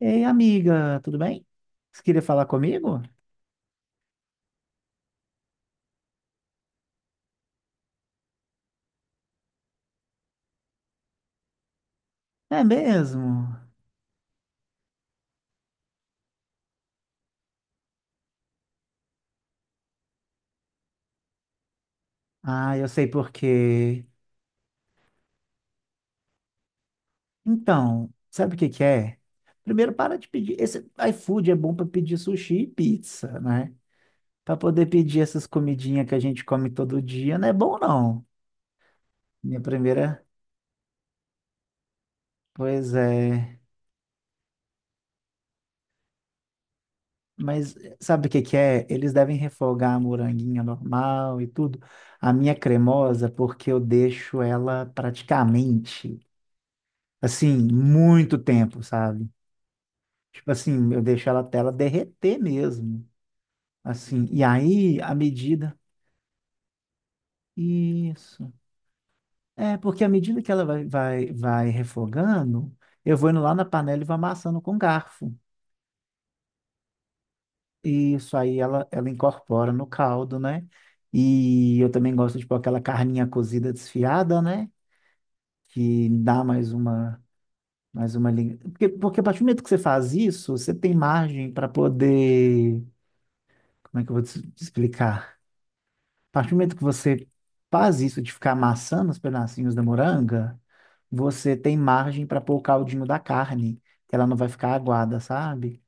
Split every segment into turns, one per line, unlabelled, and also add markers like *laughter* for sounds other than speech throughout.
Ei, amiga, tudo bem? Você queria falar comigo? É mesmo? Ah, eu sei por quê. Então, sabe o que que é? Primeiro, para de pedir. Esse iFood é bom para pedir sushi e pizza, né? Para poder pedir essas comidinhas que a gente come todo dia, não é bom, não. Minha primeira. Pois é. Mas sabe o que que é? Eles devem refogar a moranguinha normal e tudo. A minha cremosa, porque eu deixo ela praticamente. Assim, muito tempo, sabe? Tipo assim, eu deixo ela até ela derreter mesmo. Assim, e aí, à medida. Isso. É, porque à medida que ela vai refogando, eu vou indo lá na panela e vou amassando com garfo. Isso aí ela incorpora no caldo, né? E eu também gosto de pôr aquela carninha cozida desfiada, né? Que dá mais uma, porque, a partir do momento que você faz isso, você tem margem para poder. Como é que eu vou te explicar? A partir do momento que você faz isso de ficar amassando os pedacinhos da moranga, você tem margem para pôr o caldinho da carne, que ela não vai ficar aguada, sabe?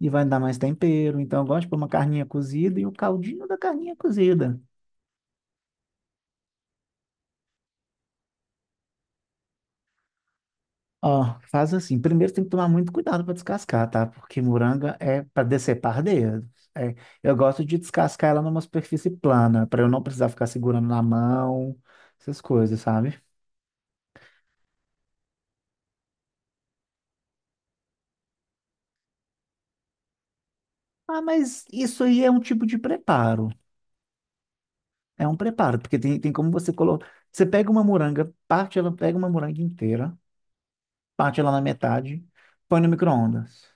E vai dar mais tempero. Então, eu gosto de pôr uma carninha cozida e o caldinho da carninha cozida. Ó, faz assim. Primeiro tem que tomar muito cuidado para descascar, tá? Porque moranga é para decepar dedo. É, eu gosto de descascar ela numa superfície plana, para eu não precisar ficar segurando na mão, essas coisas, sabe? Ah, mas isso aí é um tipo de preparo. É um preparo, porque tem como você colocar. Você pega uma moranga, parte ela, pega uma moranga inteira, parte ela na metade, põe no micro-ondas.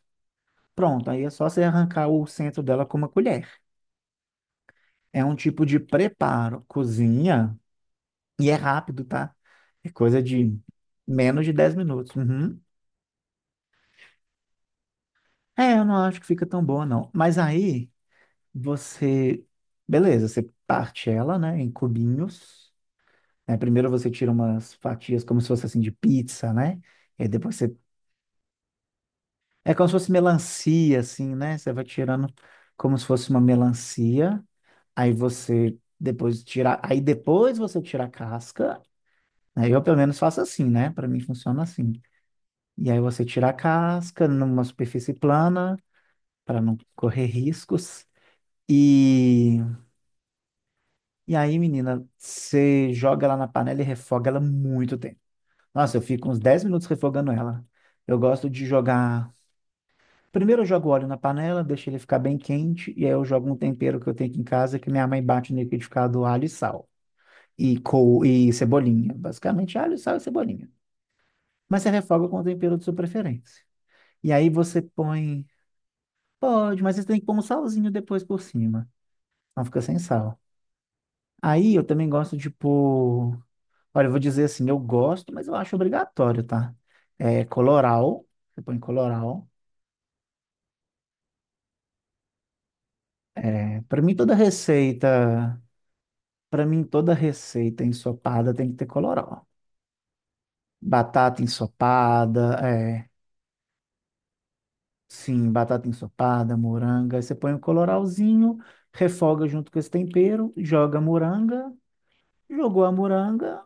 Pronto, aí é só você arrancar o centro dela com uma colher. É um tipo de preparo, cozinha, e é rápido, tá? É coisa de menos de 10 minutos. Uhum. É, eu não acho que fica tão boa, não. Mas aí você. Beleza, você parte ela, né, em cubinhos, né? Primeiro você tira umas fatias como se fosse assim de pizza, né? E depois você. É como se fosse melancia, assim, né? Você vai tirando como se fosse uma melancia. Aí você depois tira. Aí depois você tira a casca. Aí eu pelo menos faço assim, né? Para mim funciona assim. E aí você tira a casca numa superfície plana para não correr riscos. E, e aí, menina, você joga ela na panela e refoga ela muito tempo. Nossa, eu fico uns 10 minutos refogando ela. Eu gosto de jogar. Primeiro eu jogo óleo na panela, deixo ele ficar bem quente, e aí eu jogo um tempero que eu tenho aqui em casa que minha mãe bate no liquidificador alho e sal. E, e cebolinha. Basicamente, alho, sal e cebolinha. Mas você refoga com o tempero de sua preferência. E aí você põe. Pode, mas você tem que pôr um salzinho depois por cima. Não fica sem sal. Aí eu também gosto de pôr. Olha, eu vou dizer assim, eu gosto, mas eu acho obrigatório, tá? É colorau. Você põe colorau. É, para mim toda receita ensopada tem que ter colorau. Batata ensopada, é, sim, batata ensopada, moranga, aí você põe um colorauzinho, refoga junto com esse tempero, joga a moranga, jogou a moranga,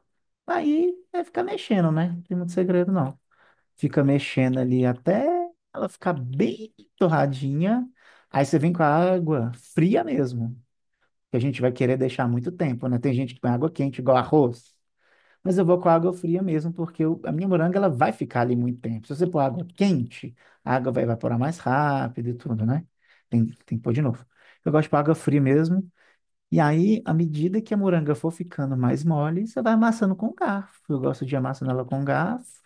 aí é ficar mexendo, né? Não tem muito segredo não. Fica mexendo ali até ela ficar bem torradinha, aí você vem com a água fria mesmo. Que a gente vai querer deixar muito tempo, né? Tem gente que põe água quente, igual arroz. Mas eu vou com água fria mesmo, porque a minha moranga ela vai ficar ali muito tempo. Se você pôr água quente, a água vai evaporar mais rápido e tudo, né? Tem que pôr de novo. Eu gosto de pôr água fria mesmo. E aí, à medida que a moranga for ficando mais mole, você vai amassando com garfo. Eu gosto de amassando ela com garfo.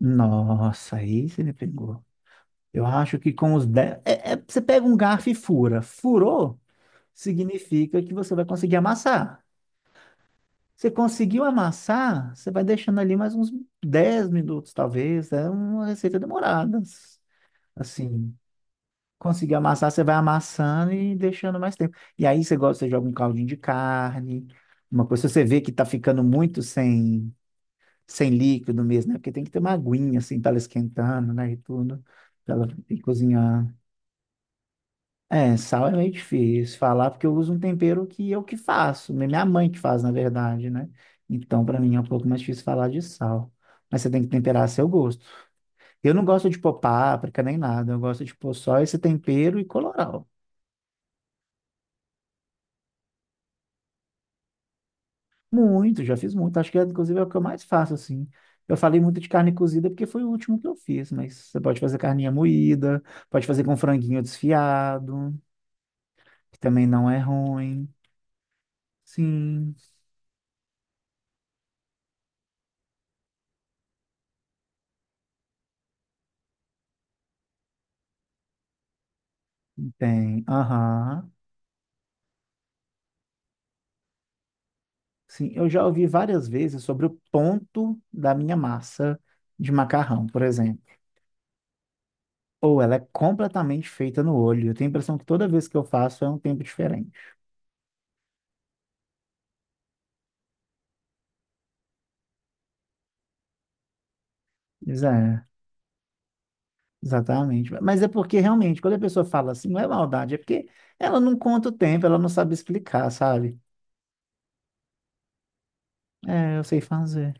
Nossa, aí você me pegou. Eu acho que com os 10, você pega um garfo e fura. Furou, significa que você vai conseguir amassar. Você conseguiu amassar, você vai deixando ali mais uns 10 minutos, talvez. É uma receita demorada. Assim, conseguiu amassar, você vai amassando e deixando mais tempo. E aí você gosta, você joga um caldinho de carne, uma coisa, se você vê que tá ficando muito sem líquido mesmo, né? Porque tem que ter uma aguinha, assim, para ela esquentando, né? E tudo, para ela ir cozinhar. É, sal é meio difícil falar porque eu uso um tempero que eu que faço, né? Minha mãe que faz, na verdade, né? Então, para mim é um pouco mais difícil falar de sal. Mas você tem que temperar a seu gosto. Eu não gosto de pôr páprica nem nada, eu gosto de pôr só esse tempero e colorau. Muito, já fiz muito, acho que inclusive é o que eu mais faço assim. Eu falei muito de carne cozida porque foi o último que eu fiz, mas você pode fazer carninha moída, pode fazer com franguinho desfiado, que também não é ruim. Sim, tem. Aham. Sim, eu já ouvi várias vezes sobre o ponto da minha massa de macarrão, por exemplo. Ou ela é completamente feita no olho. Eu tenho a impressão que toda vez que eu faço é um tempo diferente. Pois é, exatamente. Mas é porque realmente, quando a pessoa fala assim, não é maldade, é porque ela não conta o tempo, ela não sabe explicar, sabe? É, eu sei fazer.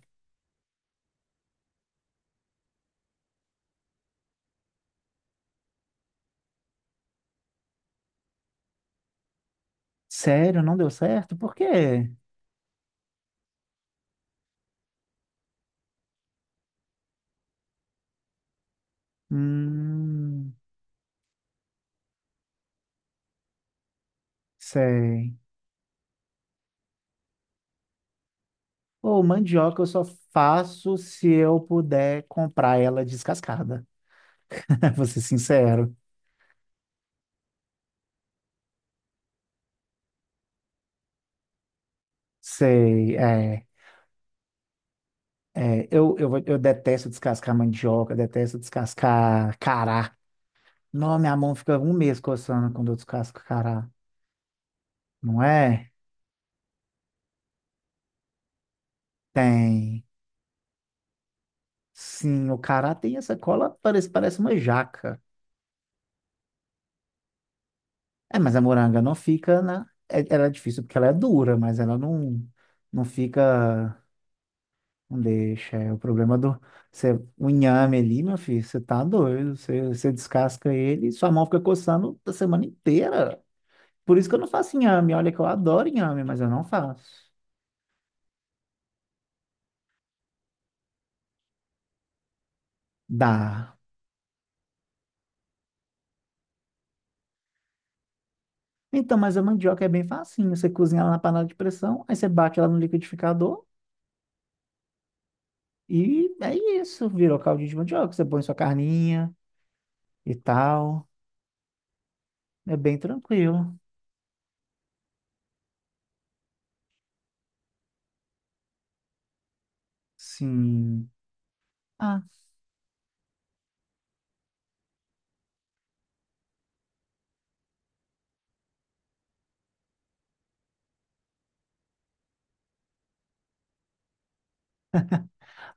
Sério, não deu certo? Por quê? Hum, sei. Ou mandioca eu só faço se eu puder comprar ela descascada. *laughs* Vou ser sincero. Sei, é. Eu detesto descascar mandioca, detesto descascar cará. Não, minha mão fica um mês coçando quando eu descasco cará. Não é? Tem. Sim, o cará tem essa cola, parece uma jaca. É, mas a moranga não fica, né? Ela é difícil porque ela é dura, mas ela não, não fica. Não deixa, é o problema do. Você, o inhame ali, meu filho, você tá doido. Você descasca ele e sua mão fica coçando a semana inteira. Por isso que eu não faço inhame. Olha que eu adoro inhame, mas eu não faço. Dá. Então, mas a mandioca é bem facinho. Você cozinha ela na panela de pressão, aí você bate ela no liquidificador e é isso. Virou caldinho de mandioca. Você põe sua carninha e tal. É bem tranquilo. Sim. Ah,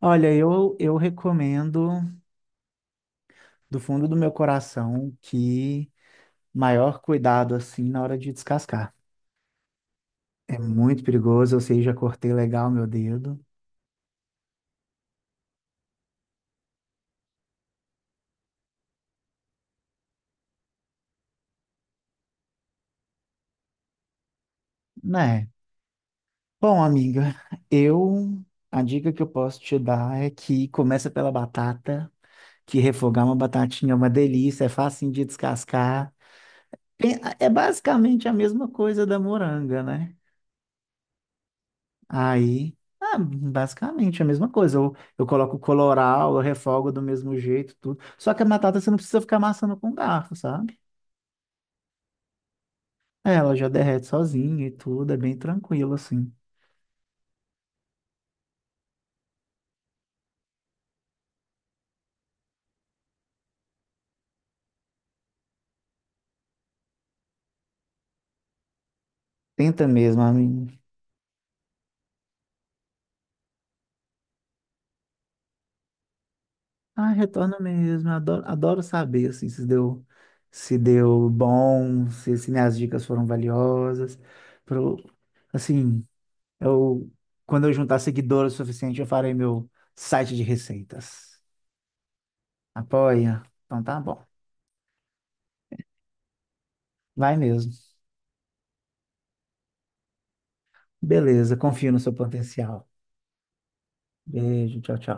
olha, eu recomendo do fundo do meu coração que maior cuidado assim na hora de descascar. É muito perigoso, eu sei, já cortei legal meu dedo, né? Bom, amiga, *laughs* eu a dica que eu posso te dar é que começa pela batata, que refogar uma batatinha é uma delícia, é fácil de descascar. É basicamente a mesma coisa da moranga, né? Aí, ah, basicamente é a mesma coisa. Eu coloco coloral, eu refogo do mesmo jeito, tudo. Só que a batata você não precisa ficar amassando com garfo, sabe? É, ela já derrete sozinha e tudo, é bem tranquilo, assim. Tenta mesmo, amigo. Ah, retorna mesmo. Eu adoro saber, assim, se deu, se deu bom, se minhas dicas foram valiosas. Pro, assim, eu, quando eu juntar seguidores o suficiente, eu farei meu site de receitas. Apoia? Então tá bom. Vai mesmo. Beleza, confio no seu potencial. Beijo, tchau, tchau.